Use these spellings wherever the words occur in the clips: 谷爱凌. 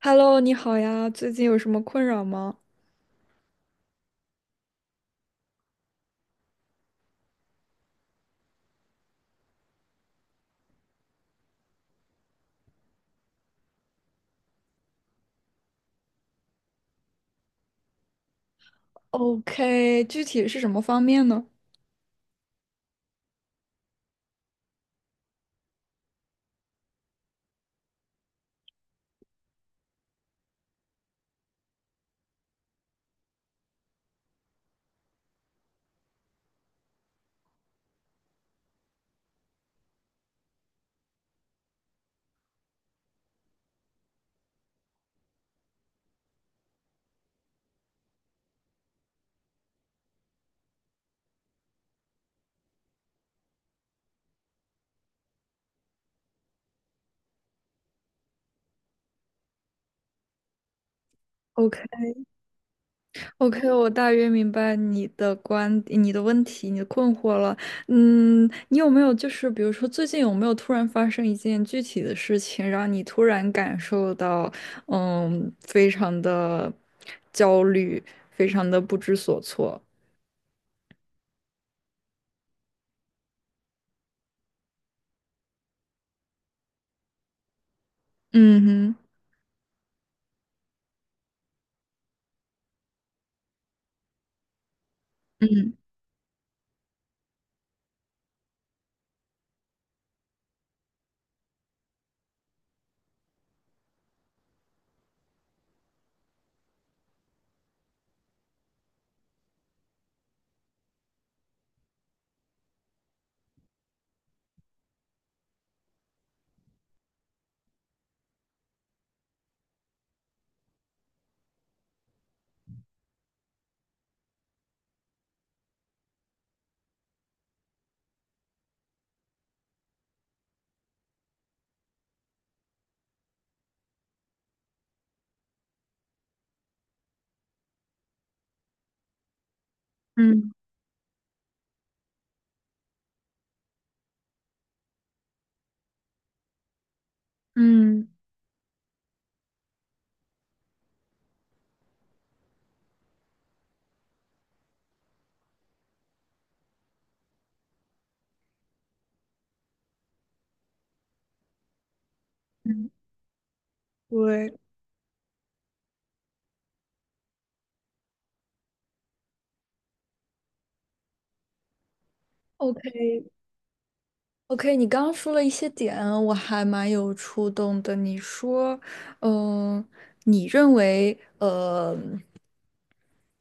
Hello，你好呀，最近有什么困扰吗？OK，具体是什么方面呢？OK，OK，我大约明白你的问题、你的困惑了。嗯，你有没有就是比如说最近有没有突然发生一件具体的事情，让你突然感受到非常的焦虑，非常的不知所措？嗯哼，嗯嗯嗯嗯，对。OK，OK，你刚刚说了一些点，我还蛮有触动的。你说，嗯、你认为，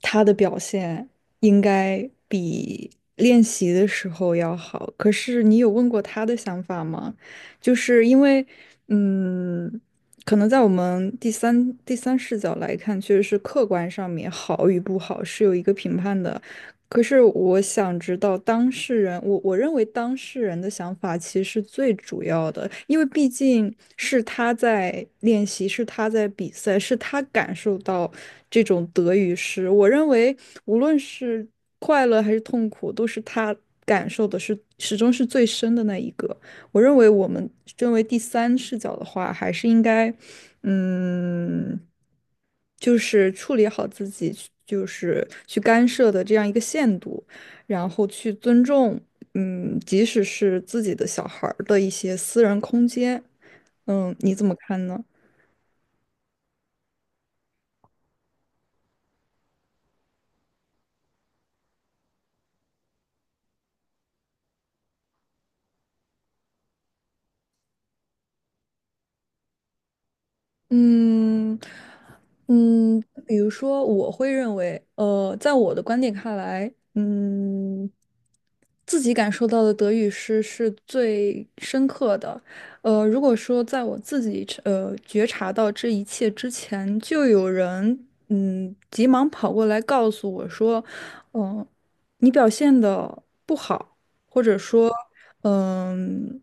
他的表现应该比练习的时候要好，可是你有问过他的想法吗？就是因为，嗯，可能在我们第三视角来看，确实是客观上面好与不好是有一个评判的。可是我想知道当事人，我认为当事人的想法其实是最主要的，因为毕竟是他在练习，是他在比赛，是他感受到这种得与失。我认为无论是快乐还是痛苦，都是他感受的是始终是最深的那一个。我认为我们身为第三视角的话，还是应该，嗯，就是处理好自己就是去干涉的这样一个限度，然后去尊重，嗯，即使是自己的小孩儿的一些私人空间，嗯，你怎么看呢？嗯嗯，比如说，我会认为，在我的观点看来，嗯，自己感受到的德语诗是最深刻的。呃，如果说在我自己觉察到这一切之前，就有人急忙跑过来告诉我说，嗯、你表现的不好。或者说嗯，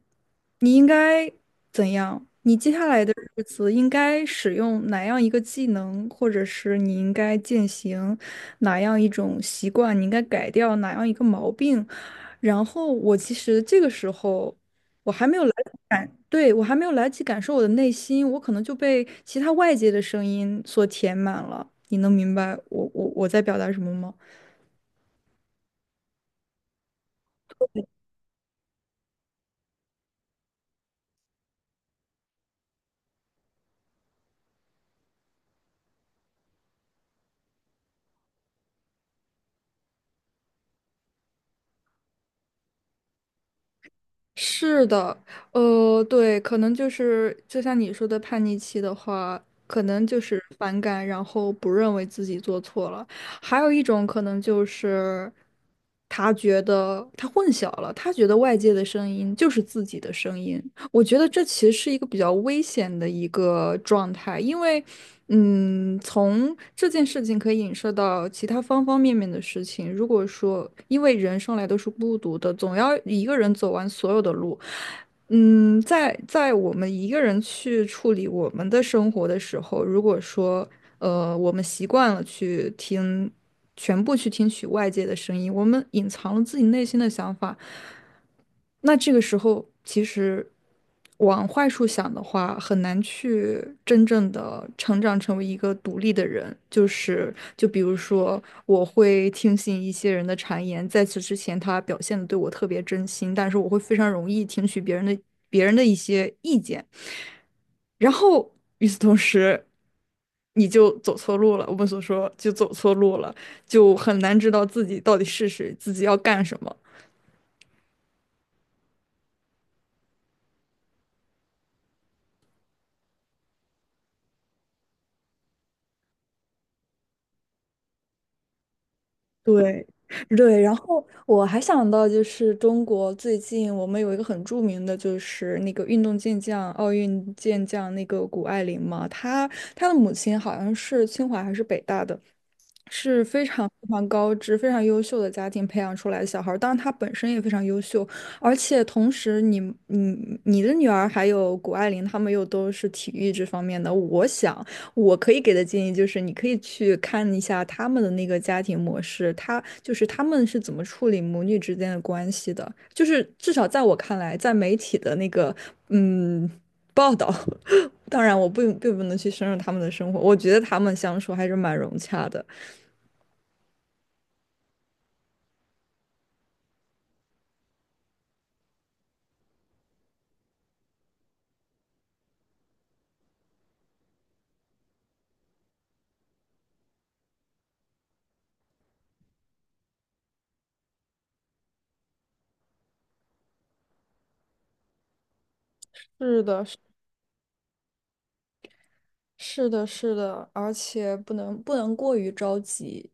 你应该怎样？你接下来的日子应该使用哪样一个技能，或者是你应该践行哪样一种习惯，你应该改掉哪样一个毛病。然后我其实这个时候对，我还没有来得及感受我的内心，我可能就被其他外界的声音所填满了。你能明白我在表达什么吗？是的，对，可能就是就像你说的叛逆期的话，可能就是反感，然后不认为自己做错了。还有一种可能就是他觉得他混淆了，他觉得外界的声音就是自己的声音。我觉得这其实是一个比较危险的一个状态，因为。嗯，从这件事情可以影射到其他方方面面的事情。如果说，因为人生来都是孤独的，总要一个人走完所有的路。嗯，在我们一个人去处理我们的生活的时候，如果说，我们习惯了去听，全部去听取外界的声音，我们隐藏了自己内心的想法。那这个时候，其实往坏处想的话，很难去真正的成长成为一个独立的人。就是，就比如说，我会听信一些人的谗言，在此之前，他表现的对我特别真心，但是我会非常容易听取别人的一些意见，然后与此同时，你就走错路了。我们所说就走错路了，就很难知道自己到底是谁，自己要干什么。对，对，然后我还想到就是中国最近我们有一个很著名的，就是那个运动健将、奥运健将那个谷爱凌嘛，她的母亲好像是清华还是北大的，是非常非常高知、非常优秀的家庭培养出来的小孩儿当然他本身也非常优秀，而且同时你的女儿还有谷爱凌，她们又都是体育这方面的。我想我可以给的建议就是，你可以去看一下他们的那个家庭模式，他就是他们是怎么处理母女之间的关系的。就是至少在我看来，在媒体的那个嗯报道，当然我并不能去深入他们的生活，我觉得他们相处还是蛮融洽的。是的，是是的，是的，而且不能过于着急，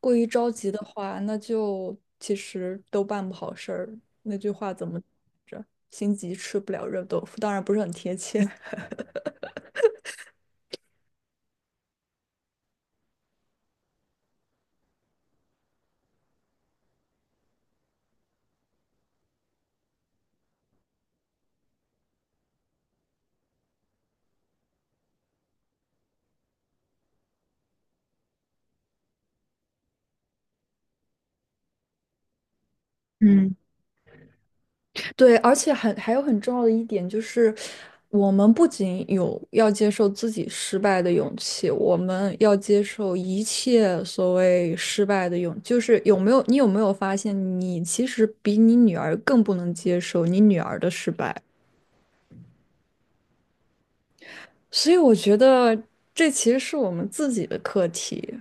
过于着急的话，那就其实都办不好事儿。那句话怎么着？心急吃不了热豆腐，当然不是很贴切。嗯。对，而且很还有很重要的一点就是，我们不仅有要接受自己失败的勇气，我们要接受一切所谓失败的勇，就是有没有你有没有发现，你其实比你女儿更不能接受你女儿的失败，所以我觉得这其实是我们自己的课题。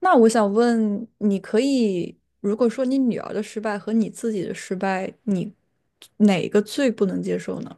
那我想问，你可以如果说你女儿的失败和你自己的失败，你哪个最不能接受呢？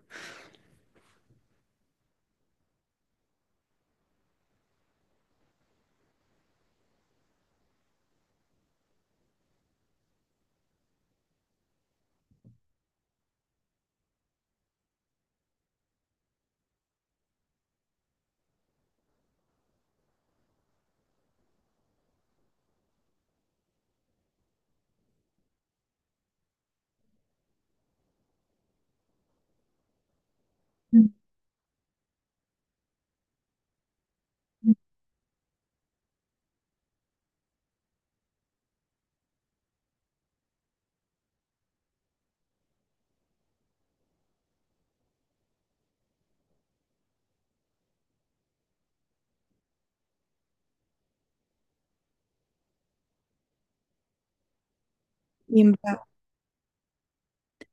明。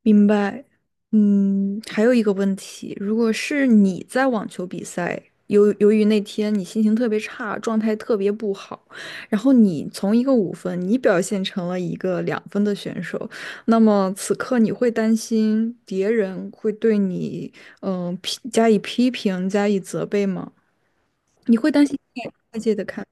明白，嗯，还有一个问题，如果是你在网球比赛，由于那天你心情特别差，状态特别不好，然后你从一个五分，你表现成了一个两分的选手，那么此刻你会担心别人会对你，加以批评、加以责备吗？你会担心被外界的看，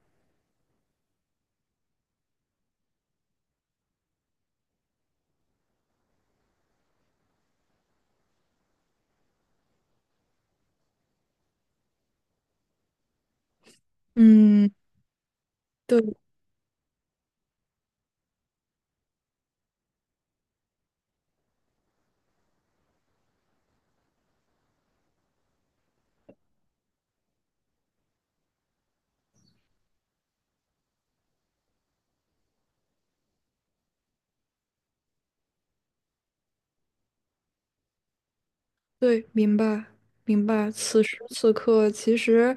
嗯，对。对，明白，明白。此时此刻，其实，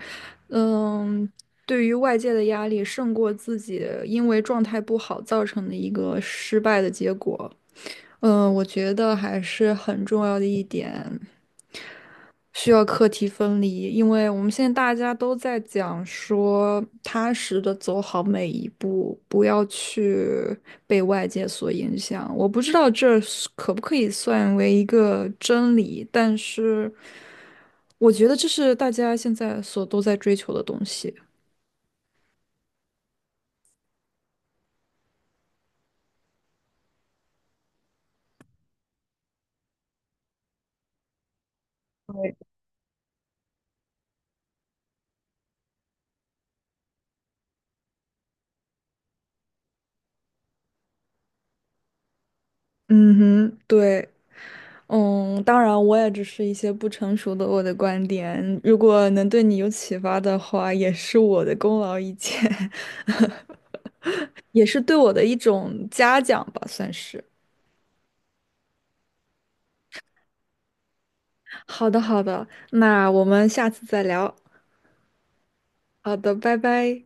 嗯，对于外界的压力胜过自己因为状态不好造成的一个失败的结果。嗯，我觉得还是很重要的一点，需要课题分离，因为我们现在大家都在讲说，踏实的走好每一步，不要去被外界所影响。我不知道这是可不可以算为一个真理，但是。我觉得这是大家现在所都在追求的东西。嗯哼，对，嗯，当然，我也只是一些不成熟的我的观点。如果能对你有启发的话，也是我的功劳一件，也是对我的一种嘉奖吧，算是。好的，好的，那我们下次再聊。好的，拜拜。